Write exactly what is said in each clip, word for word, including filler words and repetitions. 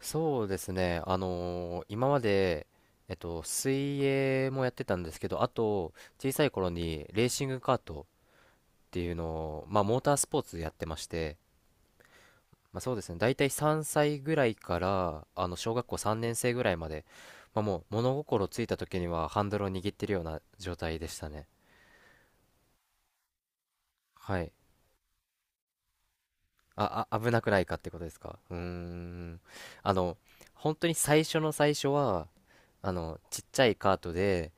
そうですね。あのー今まで、えっと、水泳もやってたんですけど、あと、小さい頃にレーシングカートっていうのを、まあ、モータースポーツやってまして、まあ、そうですね。大体さんさいぐらいから、あの、小学校さんねん生ぐらいまで、まあ、もう物心ついた時にはハンドルを握ってるような状態でしたね。はい。あ、あ、危なくないかってことですか。うーん。あの、本当に最初の最初は、あの、ちっちゃいカートで、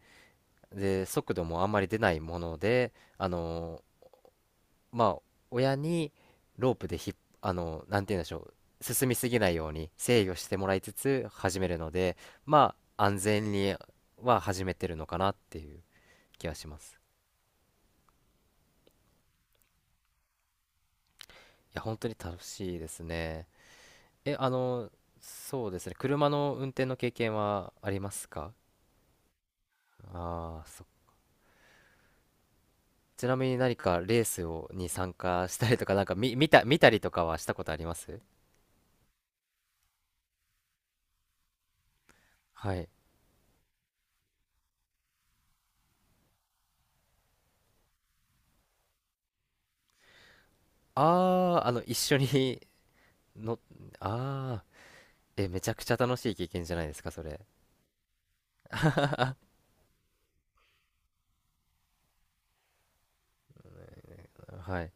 で、速度もあんまり出ないもので、あのまあ、親にロープでひっ、あのなんて言うんでしょう、進みすぎないように制御してもらいつつ始めるので、まあ、安全には始めてるのかなっていう気がします。いや、本当に楽しいですね。え、あのそうですね、車の運転の経験はありますか？ああそ、ちなみに何かレースをに参加したりとか、なんか見、見た、見たりとかはしたことあります？はい。ああ、あの、一緒にの、ああ、え、めちゃくちゃ楽しい経験じゃないですか、それ。はい。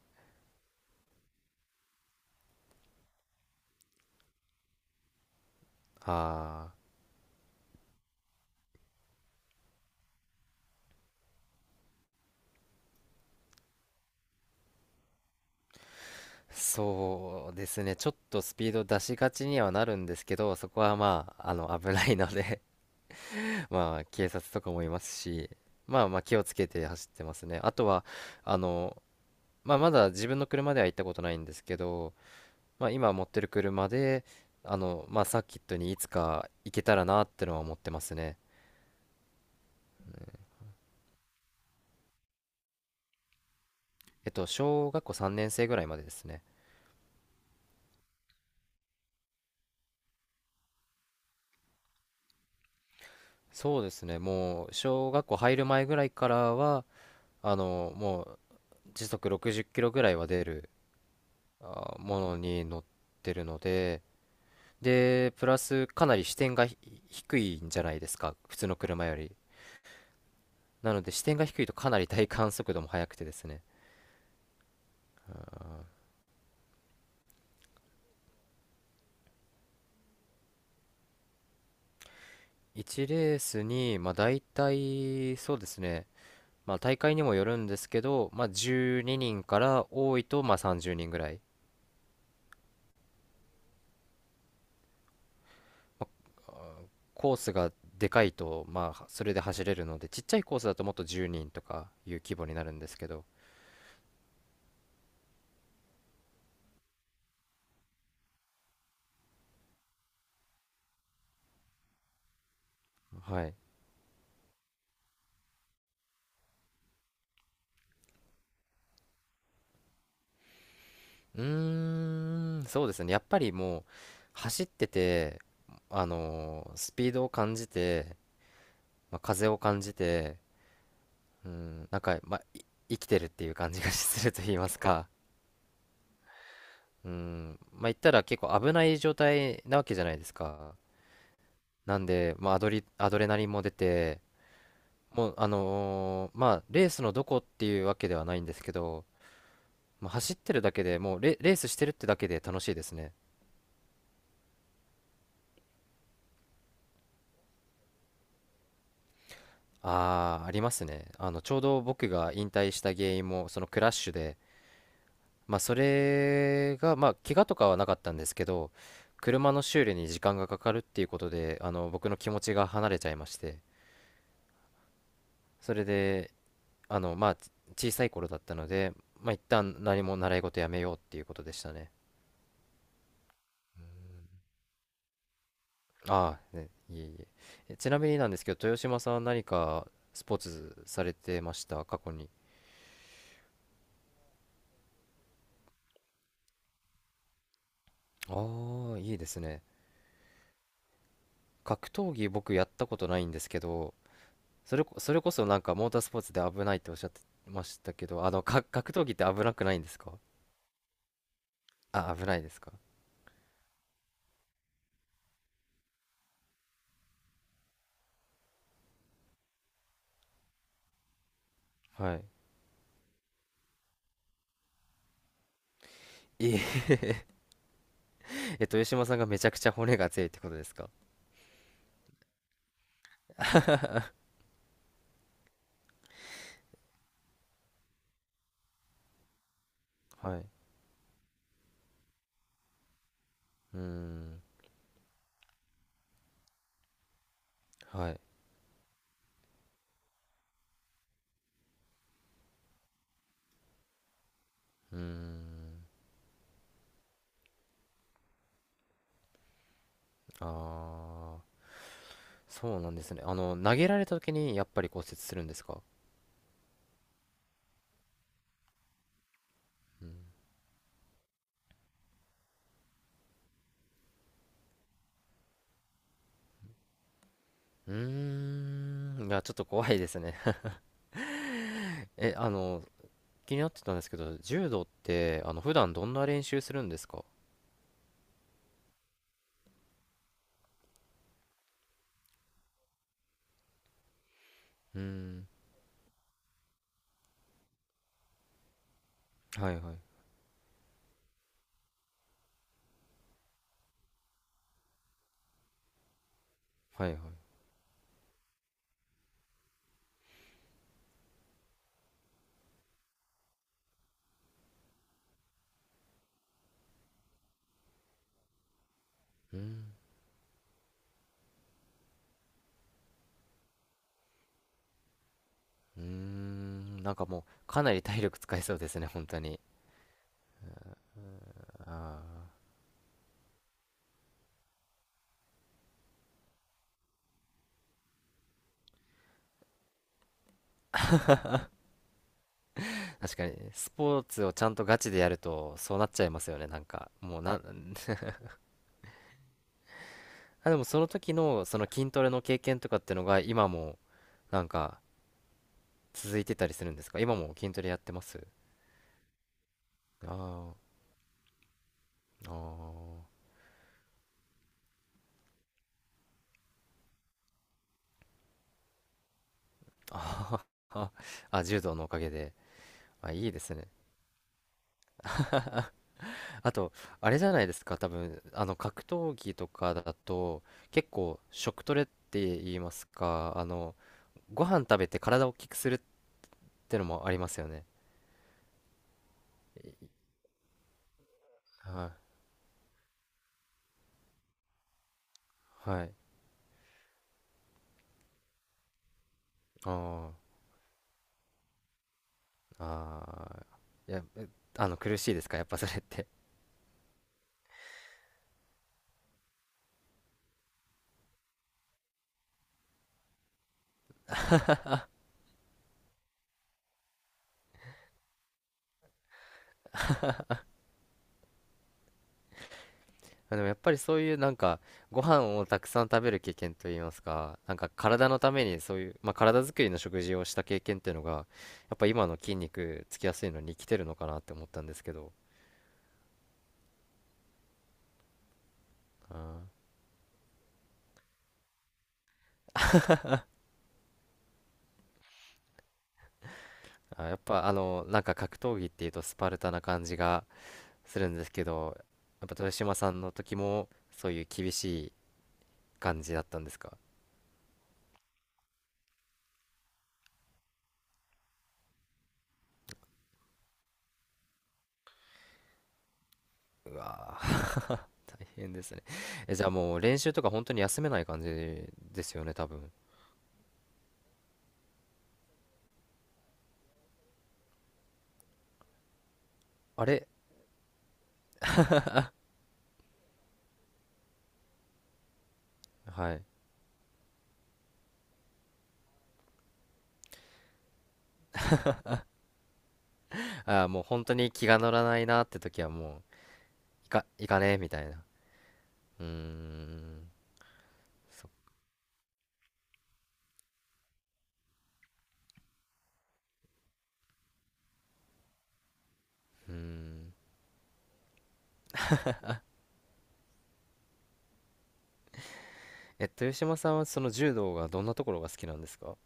ああ、そうですね。ちょっとスピード出しがちにはなるんですけど、そこはまあ、あの、危ないので まあ、警察とかもいますし、まあまあ、気をつけて走ってますね。あとは、あの、まあ、まだ自分の車では行ったことないんですけど、まあ、今持ってる車で、あの、まあ、サーキットにいつか行けたらなってのは思ってますね。えっと、小学校さんねん生ぐらいまでですね。そうですね、もう小学校入る前ぐらいからは、あの、もう時速ろくじっキロぐらいは出るあものに乗ってるので、で、プラスかなり視点がひ低いんじゃないですか、普通の車より。なので視点が低いとかなり体感速度も速くてですね。ワンレースに、まあ大体、そうですね、まあ大会にもよるんですけど、まあじゅうににんから多いとまあさんじゅうにんぐらい。コースがでかいと、まあ、それで走れるので、ちっちゃいコースだともっとじゅうにんとかいう規模になるんですけど、はい。うーん、そうですね。やっぱりもう、走ってて、あのースピードを感じて、まあ、風を感じて、うん、なんか、まあ、い生きてるっていう感じが すると言いますか。うん、まあ、言ったら結構危ない状態なわけじゃないですか。なんで、まあ、アドリ、アドレナリンも出て、もう、あのーまあ、レースのどこっていうわけではないんですけど、まあ、走ってるだけでもうレ、レースしてるってだけで楽しいですね。ああ、ありますね。あの、ちょうど僕が引退した原因も、そのクラッシュで、まあ、それが、まあ、怪我とかはなかったんですけど、車の修理に時間がかかるっていうことで、あの、僕の気持ちが離れちゃいまして、それで、あの、まあ、小さい頃だったので、まあ、一旦何も習い事やめようっていうことでしたね。ああ、ね、いえいえ。えちなみになんですけど、豊島さんは何かスポーツされてました、過去に。ああ、いいですね。格闘技僕やったことないんですけど、それこ、それこそなんかモータースポーツで危ないっておっしゃってましたけど、あの、か、格闘技って危なくないんですか？あ、危ないですか？はい。いえ えっと、豊島さんがめちゃくちゃ骨が強いってことですか？はい。うーん。はい。うーん。ああ、そうなんですね。あの、投げられた時にやっぱり骨折するんですか？うん、うーんいや、ちょっと怖いですね。え、あの、気になってたんですけど、柔道って、あの、普段どんな練習するんですか？うーん、はいはい、はいはい。うーん、うーん、なんかもう、かなり体力使いそうですね、本当に。あー確かに、スポーツをちゃんとガチでやると、そうなっちゃいますよね、なんか。もうな、あ、でもその時の、その筋トレの経験とかってのが、今も、なんか、続いてたりするんですか？今も筋トレやってます？あーあーあは、あ、柔道のおかげで。まあ、いいですね。あと、あれじゃないですか、多分、あの、格闘技とかだと、結構、食トレって言いますか、あの、ご飯食べて体を大きくするってのもありますよね。はい。はい。ああ、ああ、いや、えあの、苦しいですか、やっぱそれって。まあでもやっぱりそういうなんかご飯をたくさん食べる経験といいますか、なんか体のためにそういう、まあ、体作りの食事をした経験っていうのが、やっぱ今の筋肉つきやすいのに生きてるのかなって思ったんですけど、あーあ、やっぱあのなんか格闘技っていうとスパルタな感じがするんですけど、やっぱ豊島さんの時もそういう厳しい感じだったんですか？うわー、大変ですね。え、じゃあもう練習とか本当に休めない感じですよね、多分。あれはい。ああ、もう本当に気が乗らないなって時はもう、いか、いかねえみたいな。うーん、そう、うーん。え、豊島さんはその柔道がどんなところが好きなんですか？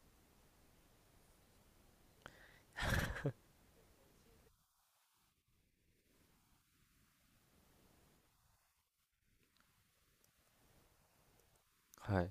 はい。